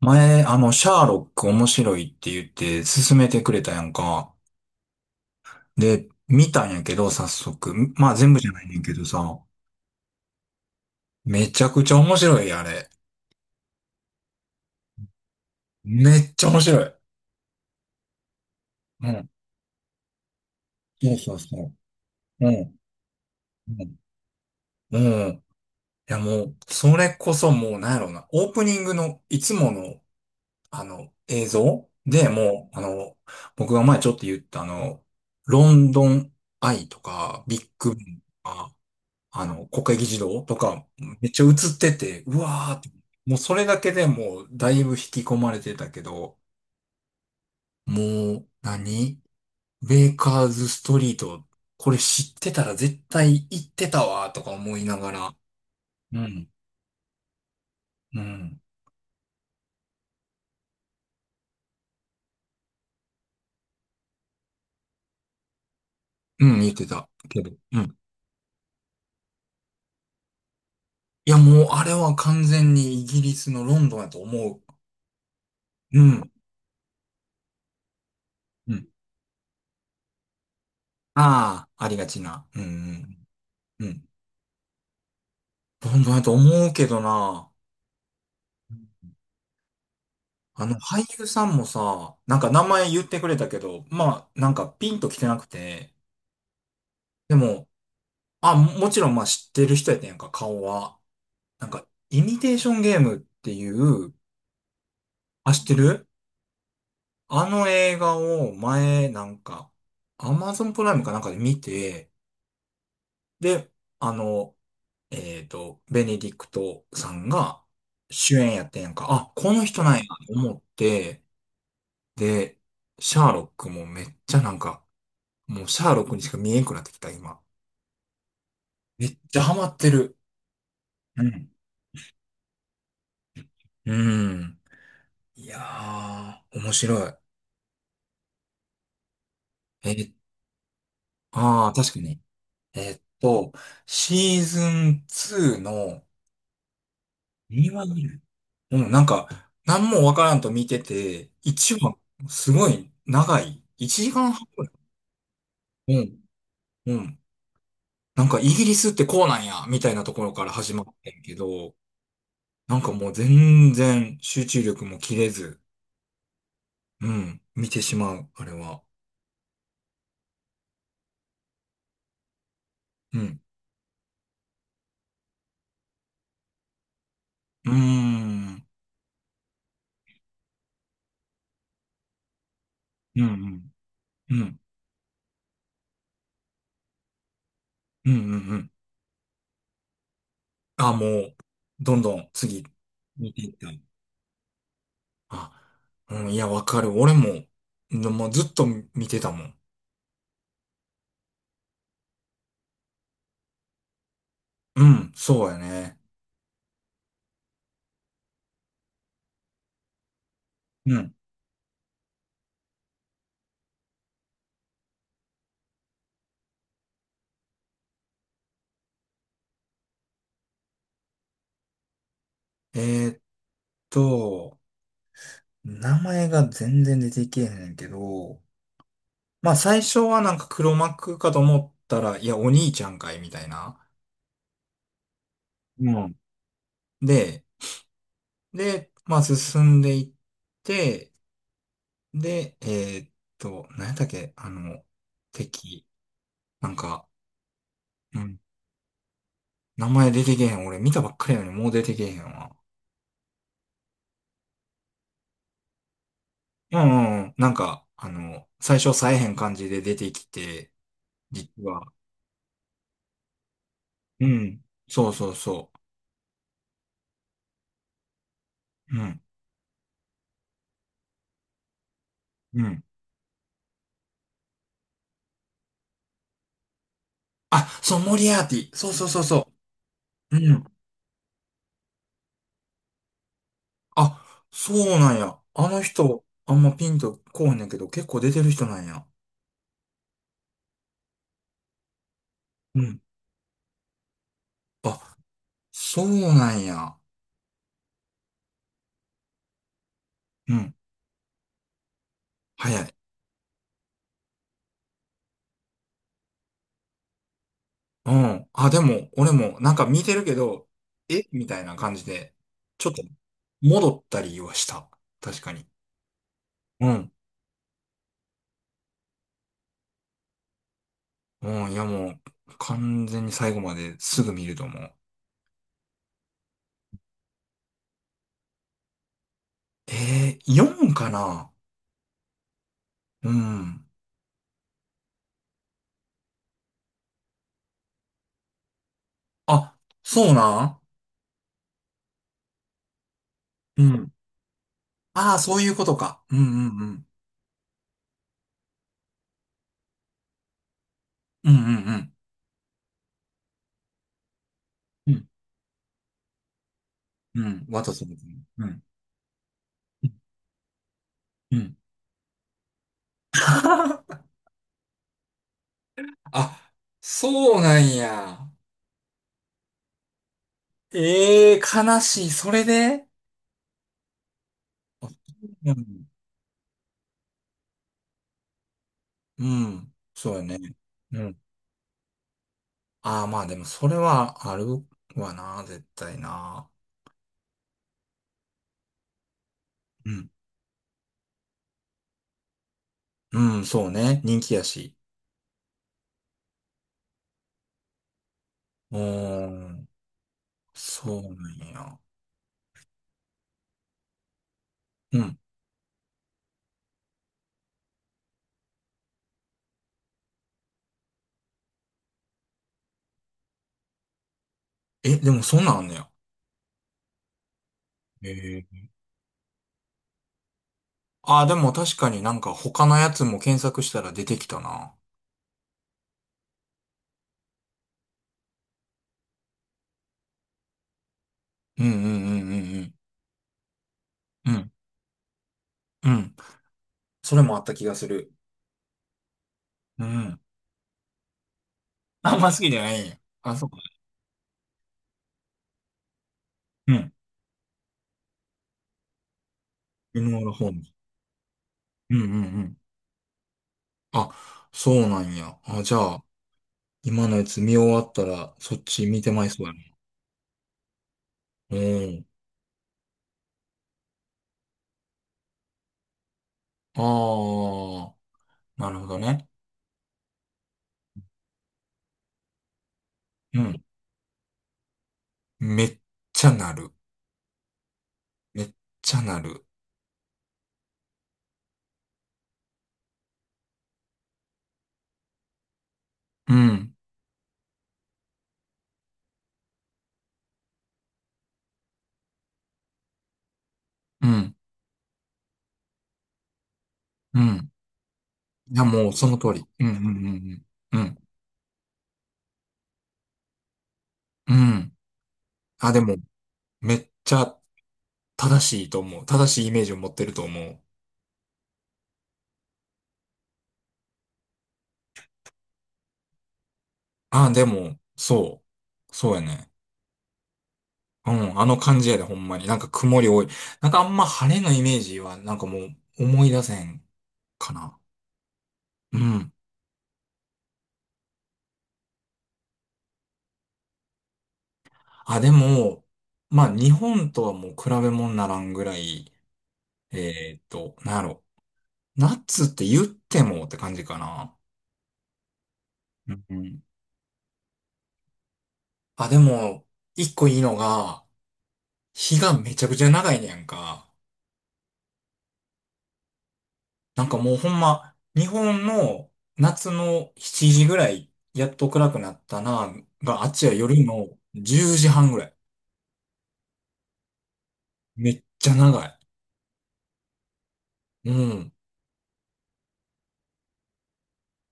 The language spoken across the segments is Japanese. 前、シャーロック面白いって言って勧めてくれたやんか。で、見たんやけど、早速。まあ、全部じゃないねんけどさ。めちゃくちゃ面白い、あれ。めっちゃ面白い。うん。そうそうそう。うん。うん。うん。いや、もう、それこそもう、なんやろうな。オープニングの、いつもの、映像で、もう、僕が前ちょっと言った、ロンドンアイとか、ビッグバンとか国会議事堂とか、めっちゃ映ってて、うわーって、もうそれだけでもうだいぶ引き込まれてたけど、もう何、ベーカーズストリート、これ知ってたら絶対行ってたわーとか思いながら、うん、うん、うん、言ってたけど、うん。いや、もうあれは完全にイギリスのロンドンやと思う。うん、うん。ああ、ありがちな。うん、うん、うん。ロンドンやと思うけどな。俳優さんもさ、なんか名前言ってくれたけど、まあ、なんかピンと来てなくて、でも、あ、ももちろんまあ知ってる人やったんやんか、顔は。なんか、イミテーションゲームっていう、あ、知ってるあの映画を前、なんか、アマゾンプライムかなんかで見て、で、あの、ベネディクトさんが主演やってんやんか、あ、この人なんやと思って、で、シャーロックもめっちゃなんか、もうシャーロックにしか見えんくなってきた、今。めっちゃハマってる。うん。うん。いやー、面白い。えー、ああ、確かに。えっと、シーズン2の、2話ぐらい。うん、なんか、何もわからんと見てて、1話、すごい長い。1時間半。うん。うん。なんか、イギリスってこうなんや、みたいなところから始まってんけど、なんかもう全然集中力も切れず、うん、見てしまう、あれは。うん。うーん。うん。うん。うん。うん。うんうん。あ、もう、どんどん次、見ていった。あ、うん。いや、わかる。俺も、のもうずっと見てたもん。うん。そうやね。うん。えーっと、名前が全然出てけえへんけど、まあ、最初はなんか黒幕かと思ったら、いや、お兄ちゃんかい、みたいな。うん。で、で、まあ、進んでいって、で、ーっ何やったっけあの、敵。なんか、うん。名前出てけへん。俺見たばっかりやのにもう出てけへんわ。うんうんうん。なんか、最初さえへん感じで出てきて、実は。うん。そうそうそう。うん。うん。あ、そう、モリアーティ。そうそうそうそう。うん。あ、そうなんや。あの人、あんまピンとこうへんねんけど、結構出てる人なんや。うん。あ、そうなんや。うん。早い。うん。あ、でも、俺も、なんか見てるけど、えみたいな感じで、ちょっと、戻ったりはした。確かに。うん。うん、いやもう、完全に最後まですぐ見ると思う。4かな。うん。あ、そうなん。うん。ああ、そういうことか。うんうんうん。うんうんうん。うん。うん。ワトソン。うん。うん。あ、そうなんや。ええー、悲しい。それで、あ、そうなんや。うん。そうやね。うん。ああ、まあでもそれはあるわな、絶対な。うん。うん、そうね。人気やし。うーん。そうなんや。うん。え、でもそんなんあんねや。ええ。ああ、でも確かになんか他のやつも検索したら出てきたな。うんうんうんうんうん。うん。うん。それもあった気がする。うん。あんま好きじゃないんや。あ、そうか。うん。犬ルホーム。うんうんうん。あ、そうなんや。あ、じゃあ、今のやつ見終わったら、そっち見てまいそうやね。うん。ああ、なるほどね。うん。めっちゃなる。めっちゃなる。うん。うん。うん。いや、もうその通り。うん、うん、うん、うん。うん。うん。あ、でも、めっちゃ正しいと思う。正しいイメージを持ってると思う。あ、でも、そう。そうやね。うん。あの感じやで、ほんまに。なんか曇り多い。なんかあんま晴れのイメージは、なんかもう思い出せんかな。うん。あ、でも、まあ、日本とはもう比べ物にならんぐらい、なんやろ。ナッツって言ってもって感じかな。うんうん。あ、でも、一個いいのが、日がめちゃくちゃ長いねやんか。なんかもうほんま、日本の夏の7時ぐらい、やっと暗くなったな、が、あっちは夜の10時半ぐらい。めっちゃ長い。うん。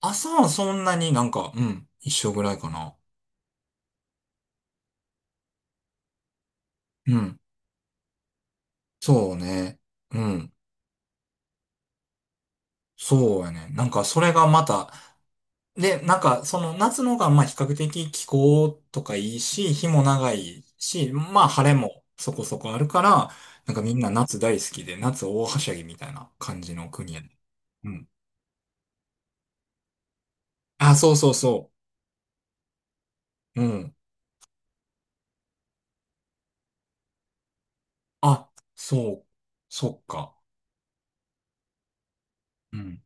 朝はそんなになんか、うん、一緒ぐらいかな。うん。そうね。うん。そうやね。なんかそれがまた、で、なんかその夏の方がまあ比較的気候とかいいし、日も長いし、まあ晴れもそこそこあるから、なんかみんな夏大好きで、夏大はしゃぎみたいな感じの国やね。うん。あ、そうそうそう。うん。あ、そう、そっか。うん。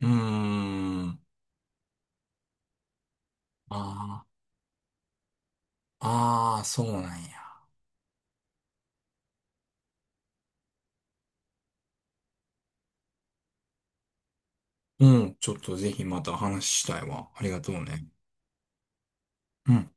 うーん。ああ、ああ、そうなんや。うん。ちょっとぜひまた話したいわ。ありがとうね。うん。